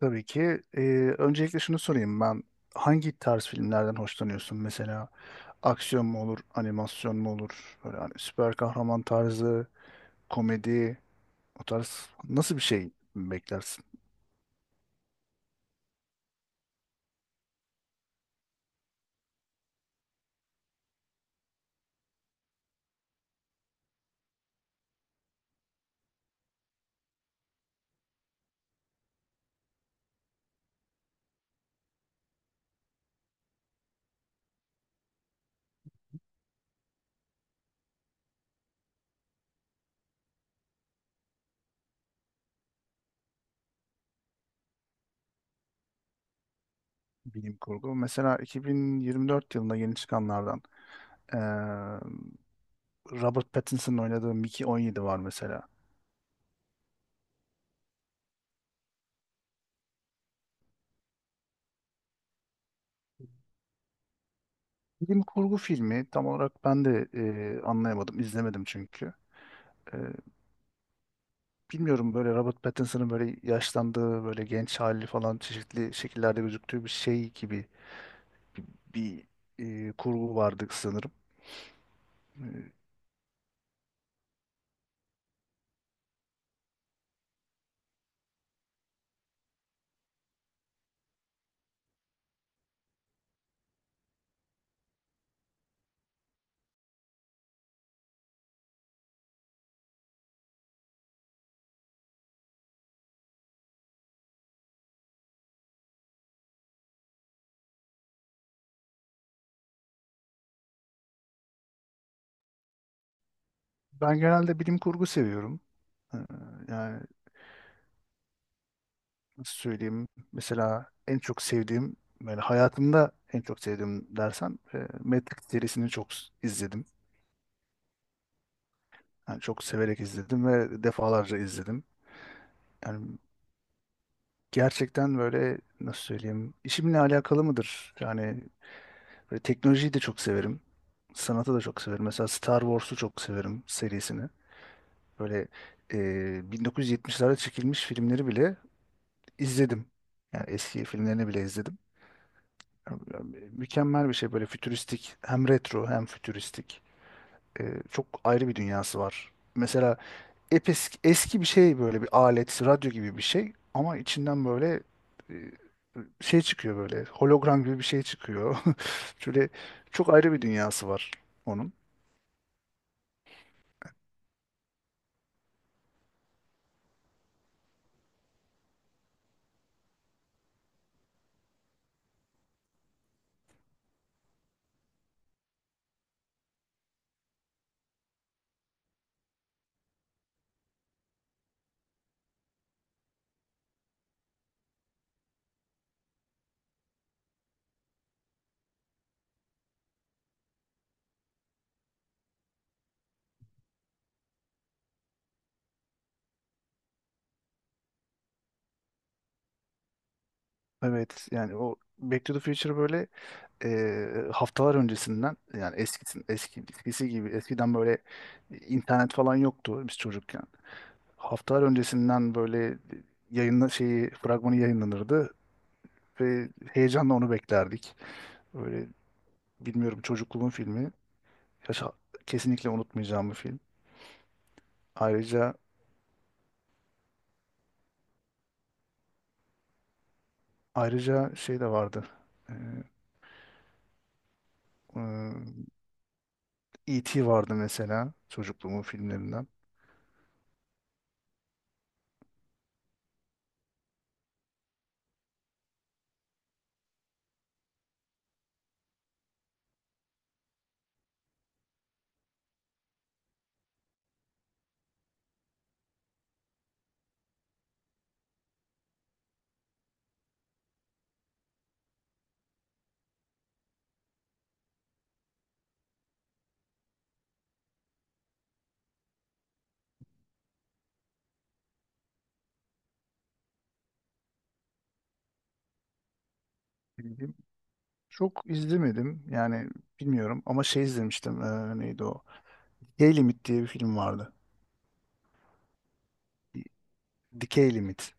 Tabii ki. Öncelikle şunu sorayım ben. Hangi tarz filmlerden hoşlanıyorsun? Mesela aksiyon mu olur, animasyon mu olur? Böyle hani süper kahraman tarzı, komedi, o tarz nasıl bir şey beklersin? Bilim kurgu. Mesela 2024 yılında yeni çıkanlardan ee, Robert Pattinson'ın oynadığı Mickey 17 var mesela. Bilim kurgu filmi tam olarak ben de anlayamadım, izlemedim çünkü. Bilmiyorum, böyle Robert Pattinson'ın böyle yaşlandığı, böyle genç hali falan çeşitli şekillerde gözüktüğü bir şey gibi bir kurgu vardı sanırım. E, Ben genelde bilim kurgu seviyorum. E, Yani nasıl söyleyeyim? Mesela en çok sevdiğim, böyle hayatımda en çok sevdiğim dersen Matrix serisini izledim. Yani çok severek izledim ve defalarca izledim. Yani gerçekten böyle nasıl söyleyeyim? İşimle alakalı mıdır? Yani böyle teknolojiyi de çok severim. Sanatı da çok severim. Mesela Star Wars'u çok severim, serisini. Böyle e, 1970'lerde çekilmiş filmleri bile izledim. Yani eski filmlerini bile izledim. Yani mükemmel bir şey böyle, fütüristik. Hem retro hem fütüristik. E, Çok ayrı bir dünyası var. Mesela eski bir şey böyle, bir alet, radyo gibi bir şey. Ama içinden böyle e, şey çıkıyor böyle. Hologram gibi bir şey çıkıyor. Şöyle çok ayrı bir dünyası var onun. Evet yani o Back to the Future böyle haftalar öncesinden, yani eskisi gibi, eskiden böyle internet falan yoktu biz çocukken. Haftalar öncesinden böyle şeyi, fragmanı yayınlanırdı ve heyecanla onu beklerdik. Böyle, bilmiyorum, çocukluğumun filmi. Yaşa- Kesinlikle unutmayacağım bir film. Ayrıca, şey de vardı. E, e, E.T. vardı mesela, çocukluğumun filmlerinden. Çok izlemedim yani, bilmiyorum, ama şey izlemiştim, neydi o? Hey Limit diye bir film vardı. Dikey Limit.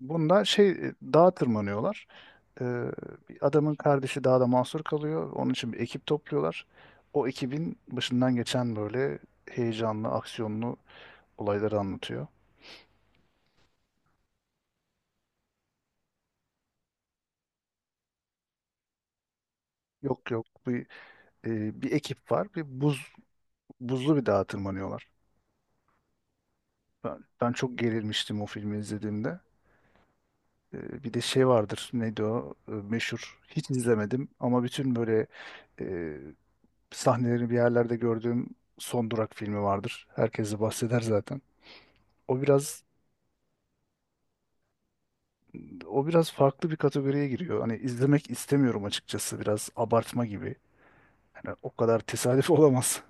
Bunda şey, dağa tırmanıyorlar. Eee, Bir adamın kardeşi dağda mahsur kalıyor. Onun için bir ekip topluyorlar. O ekibin başından geçen böyle heyecanlı, aksiyonlu olayları anlatıyor. Yok, yok, bir ekip var. Bir buzlu bir dağa tırmanıyorlar. Ben çok gerilmiştim o filmi izlediğimde. Bir de şey vardır, neydi o? Meşhur, hiç izlemedim ama bütün böyle e, sahnelerini bir yerlerde gördüğüm Son Durak filmi vardır. Herkes de bahseder zaten. O biraz O biraz farklı bir kategoriye giriyor. Hani izlemek istemiyorum açıkçası, biraz abartma gibi. Yani o kadar tesadüf olamaz.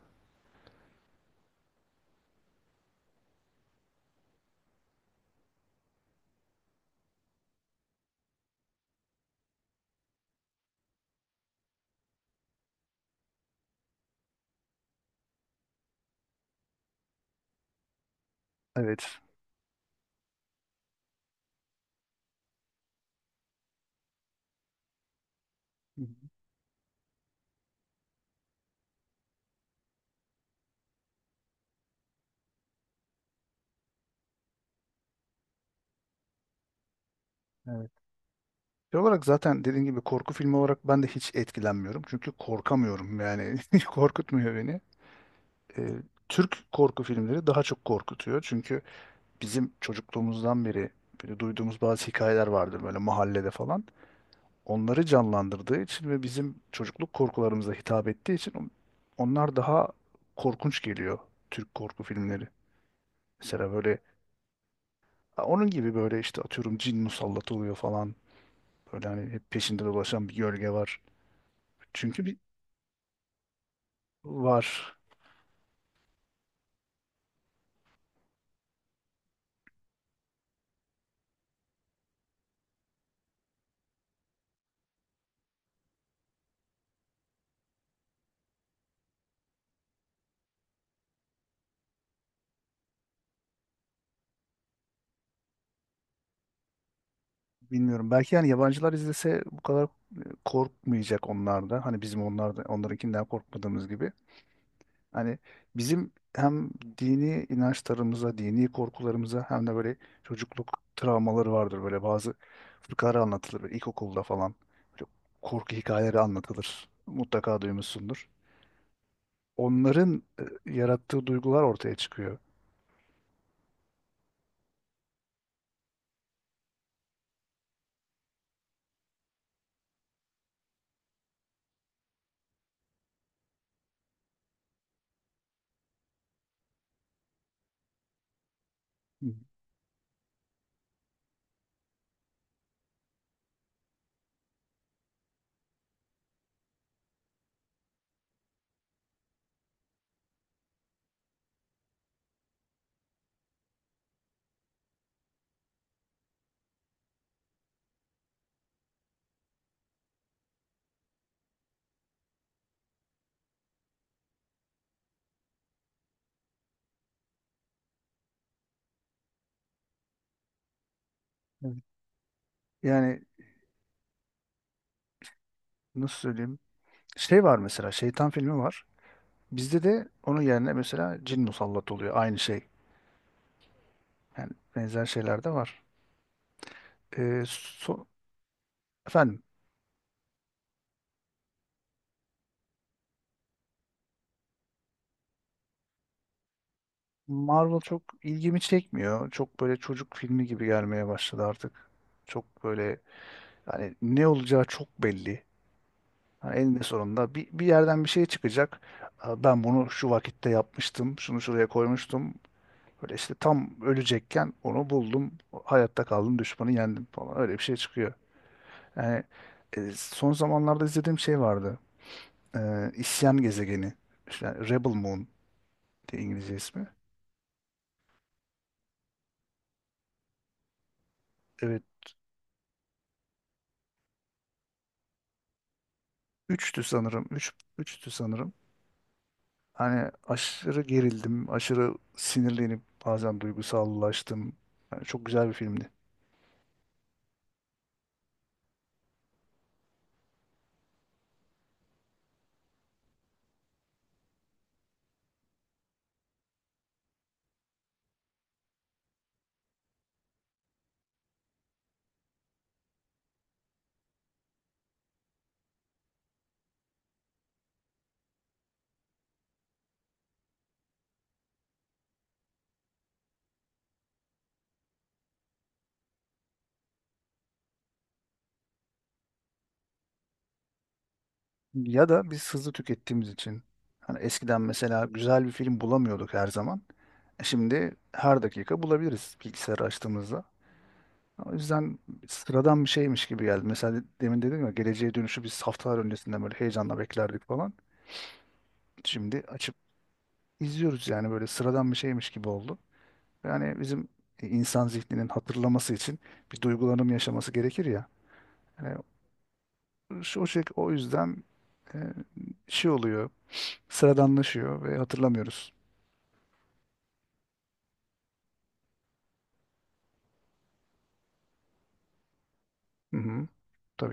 Evet. Hı hı. Evet. Şey olarak, zaten dediğim gibi, korku filmi olarak ben de hiç etkilenmiyorum. Çünkü korkamıyorum yani, korkutmuyor beni. Ee, Türk korku filmleri daha çok korkutuyor. Çünkü bizim çocukluğumuzdan beri böyle duyduğumuz bazı hikayeler vardır böyle mahallede falan. Onları canlandırdığı için ve bizim çocukluk korkularımıza hitap ettiği için onlar daha korkunç geliyor, Türk korku filmleri. Mesela böyle, ha, onun gibi böyle işte, atıyorum, cin musallat oluyor falan. Böyle hani hep peşinde dolaşan bir gölge var. Çünkü bir var. Bilmiyorum. Belki yani yabancılar izlese bu kadar korkmayacak onlar da. Hani bizim onlar da, onlarınkinden korkmadığımız gibi. Hani bizim hem dini inançlarımıza, dini korkularımıza hem de böyle çocukluk travmaları vardır. Böyle bazı fıkralar anlatılır böyle ilkokulda falan. Böyle korku hikayeleri anlatılır. Mutlaka duymuşsundur. Onların yarattığı duygular ortaya çıkıyor. Hı, evet. Yani nasıl söyleyeyim? Şey var mesela, Şeytan filmi var. Bizde de onun yerine mesela cin musallat oluyor. Aynı şey. Yani benzer şeyler de var. Ee, so- Efendim. Marvel çok ilgimi çekmiyor. Çok böyle çocuk filmi gibi gelmeye başladı artık. Çok böyle, hani ne olacağı çok belli. Hani eninde sonunda bir yerden bir şey çıkacak. Ben bunu şu vakitte yapmıştım. Şunu şuraya koymuştum. Böyle işte tam ölecekken onu buldum. Hayatta kaldım. Düşmanı yendim falan. Öyle bir şey çıkıyor. Yani son zamanlarda izlediğim şey vardı. İsyan Gezegeni. İşte Rebel Moon diye İngilizce ismi. Evet. Üçtü sanırım. Üçtü sanırım. Hani aşırı gerildim. Aşırı sinirlenip bazen duygusallaştım. Yani çok güzel bir filmdi. Ya da biz hızlı tükettiğimiz için. Hani eskiden mesela güzel bir film bulamıyorduk her zaman. Şimdi her dakika bulabiliriz bilgisayarı açtığımızda. O yüzden sıradan bir şeymiş gibi geldi. Mesela demin dedim ya, geleceğe dönüşü biz haftalar öncesinden böyle heyecanla beklerdik falan. Şimdi izliyoruz yani, böyle sıradan bir şeymiş gibi oldu. Yani bizim insan zihninin hatırlaması için bir duygulanım yaşaması gerekir ya. Yani şu o şey o yüzden e, şey oluyor, sıradanlaşıyor ve hatırlamıyoruz. Hı hı, tabii ki.